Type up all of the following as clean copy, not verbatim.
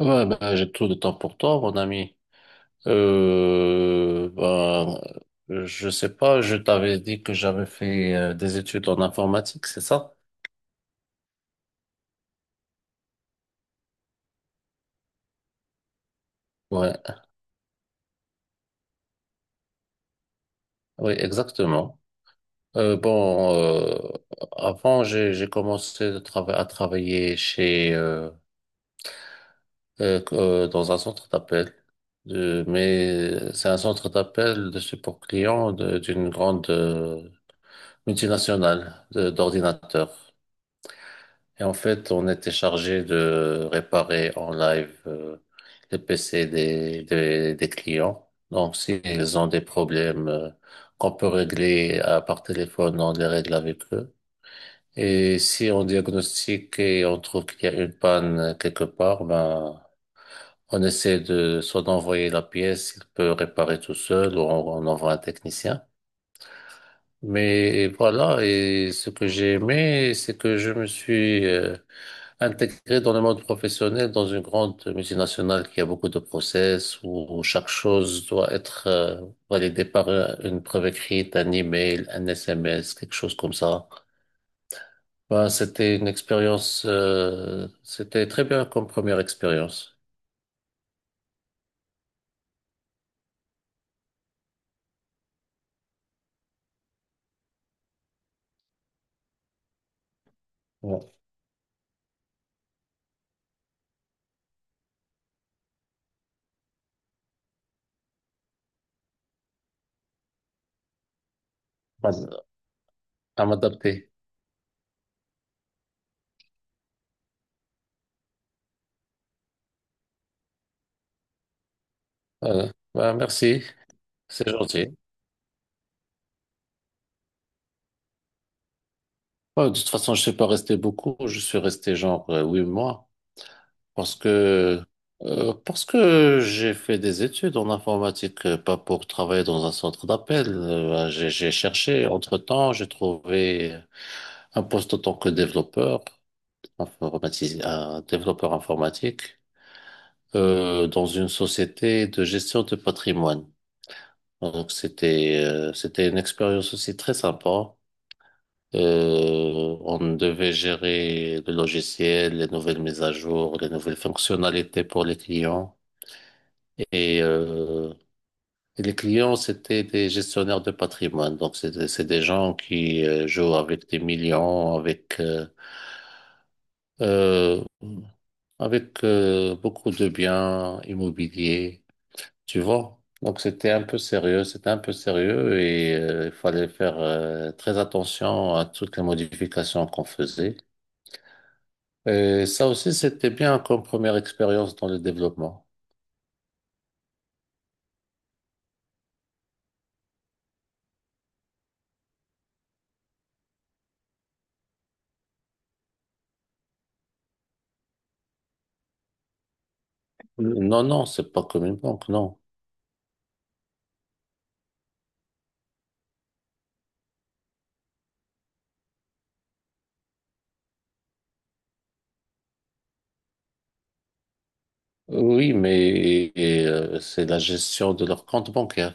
Ouais, ben, j'ai tout le temps pour toi, mon ami. Euh, ben, je sais pas, je t'avais dit que j'avais fait des études en informatique, c'est ça? Ouais, oui, exactement. Euh, bon, euh, avant, j'ai commencé de à travailler dans un centre d'appel. Mais c'est un centre d'appel de support client d'une grande multinationale d'ordinateurs. Et en fait, on était chargé de réparer en live les PC des clients. Donc, s'ils ont des problèmes qu'on peut régler à, par téléphone, on les règle avec eux. Et si on diagnostique et on trouve qu'il y a une panne quelque part, ben, on essaie de soit d'envoyer la pièce, il peut réparer tout seul, ou on envoie un technicien. Mais voilà, et ce que j'ai aimé, c'est que je me suis intégré dans le monde professionnel, dans une grande multinationale qui a beaucoup de process, où chaque chose doit être validée par une preuve écrite, un email, un SMS, quelque chose comme ça. Ben, c'était une expérience, c'était très bien comme première expérience. Ouais. Pas- À m'adapter. Voilà. Ben, merci, c'est gentil. Ouais, de toute façon, je ne suis pas resté beaucoup, je suis resté genre 8 mois. Parce que, parce que j'ai fait des études en informatique, pas pour travailler dans un centre d'appel. Bah, j'ai cherché, entre-temps, j'ai trouvé un poste en tant que développeur, un développeur informatique, dans une société de gestion de patrimoine. Donc c'était, c'était une expérience aussi très sympa. On devait gérer le logiciel, les nouvelles mises à jour, les nouvelles fonctionnalités pour les clients. Et, euh, et les clients, c'était des gestionnaires de patrimoine. Donc, c'est des gens qui jouent avec des millions, avec, euh, euh, avec euh, beaucoup de biens immobiliers, tu vois. Donc, c'était un peu sérieux, c'était un peu sérieux et il fallait faire très attention à toutes les modifications qu'on faisait. Et ça aussi, c'était bien comme première expérience dans le développement. Non, non, c'est pas comme une banque, non. Oui, mais c'est la gestion de leur compte bancaire.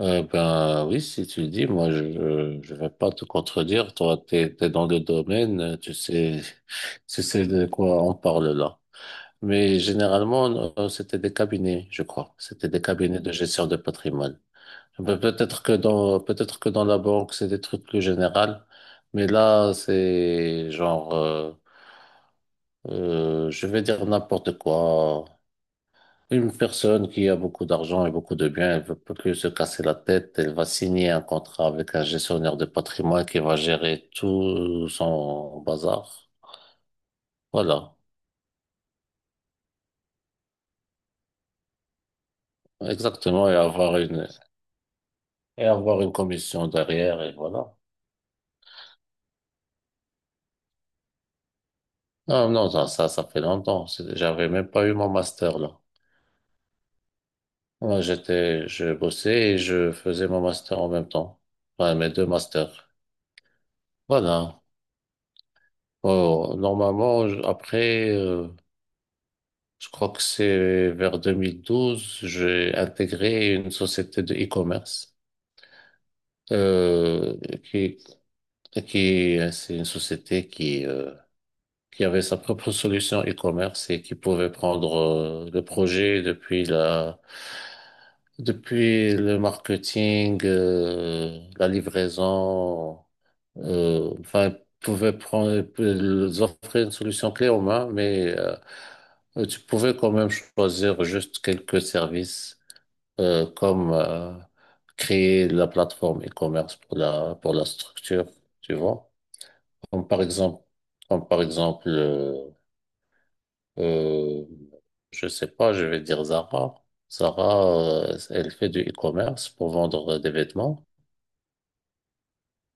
Ben oui, si tu le dis, moi je vais pas te contredire. Toi, t'es dans le domaine, tu sais tu sais de quoi on parle là. Mais généralement, c'était des cabinets, je crois. C'était des cabinets de gestion de patrimoine. Ben, peut-être que dans la banque, c'est des trucs plus généraux. Mais là, c'est genre, je vais dire n'importe quoi. Une personne qui a beaucoup d'argent et beaucoup de biens, elle veut pas que se casser la tête, elle va signer un contrat avec un gestionnaire de patrimoine qui va gérer tout son bazar. Voilà. Exactement. Et avoir une commission derrière et voilà. Non, non, ça fait longtemps. C'est- J'avais même pas eu mon master là. Moi, j'étais, je bossais et je faisais mon master en même temps. Enfin, mes deux masters. Voilà. Oh, normalement, je crois que c'est vers 2012, j'ai intégré une société de e-commerce euh, qui qui c'est une société qui avait sa propre solution e-commerce et qui pouvait prendre le projet depuis le marketing, la livraison euh, enfin, pouvait prendre, ils offraient une solution clé en main, mais tu pouvais quand même choisir juste quelques services comme créer la plateforme e-commerce pour la structure, tu vois. Comme par exemple, comme par exemple, euh, je sais pas, je vais dire Zara. Zara, elle fait du e-commerce pour vendre des vêtements.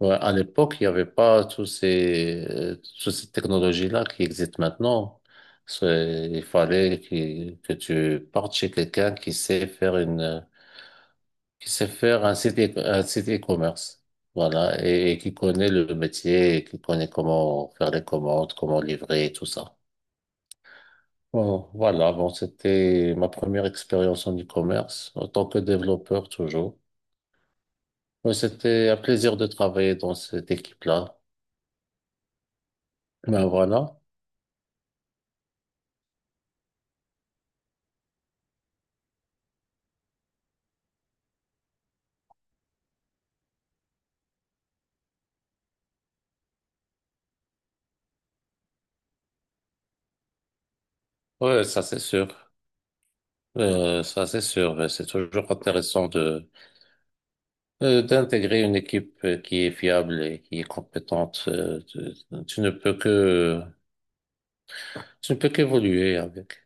Ouais, à l'époque, il n'y avait pas toutes ces technologies-là qui existent maintenant. C'est- Il fallait que tu partes chez quelqu'un qui sait faire qui sait faire un un site e-commerce. Voilà. Et qui connaît le métier, et qui connaît comment faire les commandes, comment livrer, tout ça. Bon, voilà. Bon, c'était ma première expérience en e-commerce, en tant que développeur toujours. Mais c'était un plaisir de travailler dans cette équipe-là. Ben voilà. Ouais, ça c'est sûr. Ça, c'est sûr. Mais c'est toujours intéressant de d'intégrer une équipe qui est fiable et qui est compétente. Tu ne peux que tu ne peux qu'évoluer avec.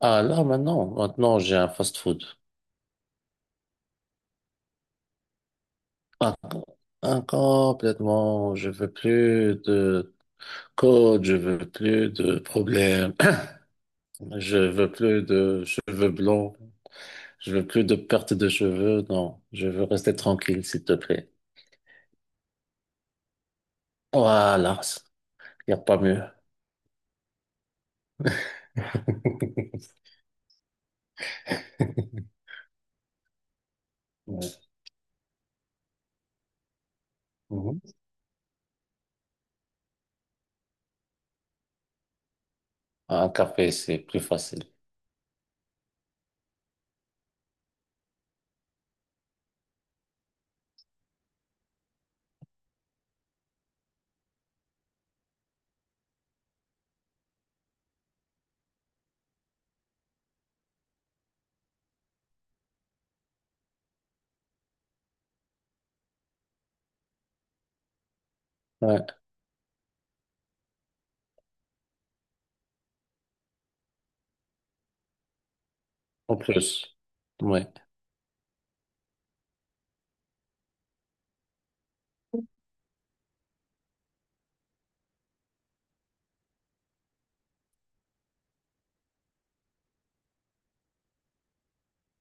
Ah là, maintenant, maintenant, j'ai un fast-food. Ah, ah, complètement. Je veux plus de code. Je veux plus de problèmes. Je veux plus de cheveux blancs. Je veux plus de perte de cheveux. Non, je veux rester tranquille, s'il te plaît. Voilà, il n'y a pas mieux. Ouais. Mhm. Un café, c'est plus facile. Ouais. En plus. Ouais.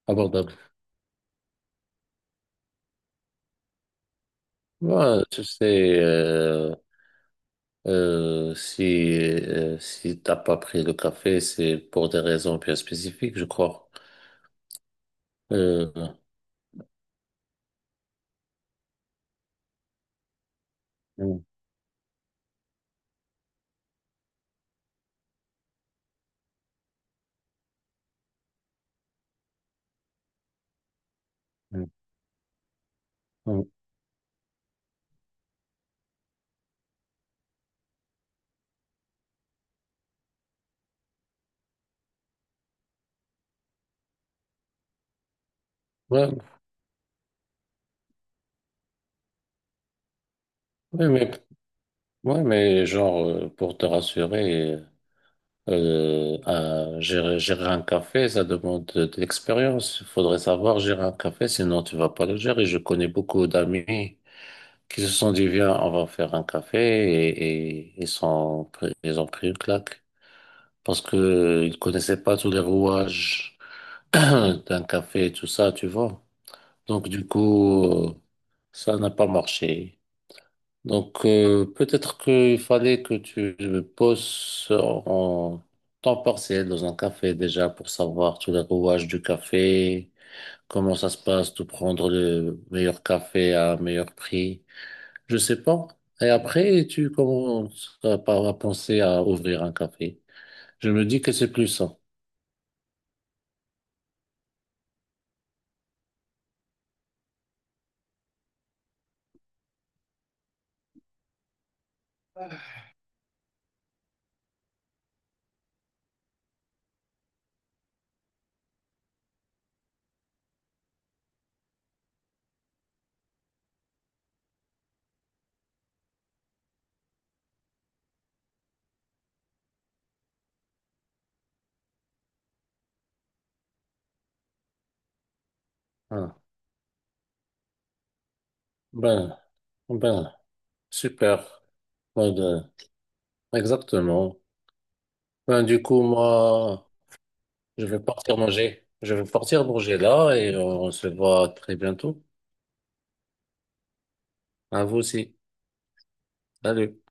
Abordable. Ouais, tu sais, euh, si, si t'as pas pris le café, c'est pour des raisons bien spécifiques, je crois. Euh, mm, mm, mm. Ouais, ouais, mais, ouais, mais genre, pour te rassurer, gérer un café, ça demande de l'expérience. Il faudrait savoir gérer un café, sinon tu vas pas le gérer. Je connais beaucoup d'amis qui se sont dit, viens, on va faire un café et ils ont pris une claque parce que ils connaissaient pas tous les rouages d'un café et tout ça, tu vois. Donc, du coup, ça n'a pas marché. Donc, peut-être qu'il fallait que tu me poses en temps partiel dans un café déjà pour savoir tous les rouages du café, comment ça se passe, de prendre le meilleur café à un meilleur prix. Je sais pas. Et après, tu commences à penser à ouvrir un café. Je me dis que c'est plus ça. Ah. Ben, ben, super. Ben, euh, exactement. Ben, du coup, moi, je vais partir manger. Je vais partir manger là et on se voit très bientôt. À vous aussi. Salut.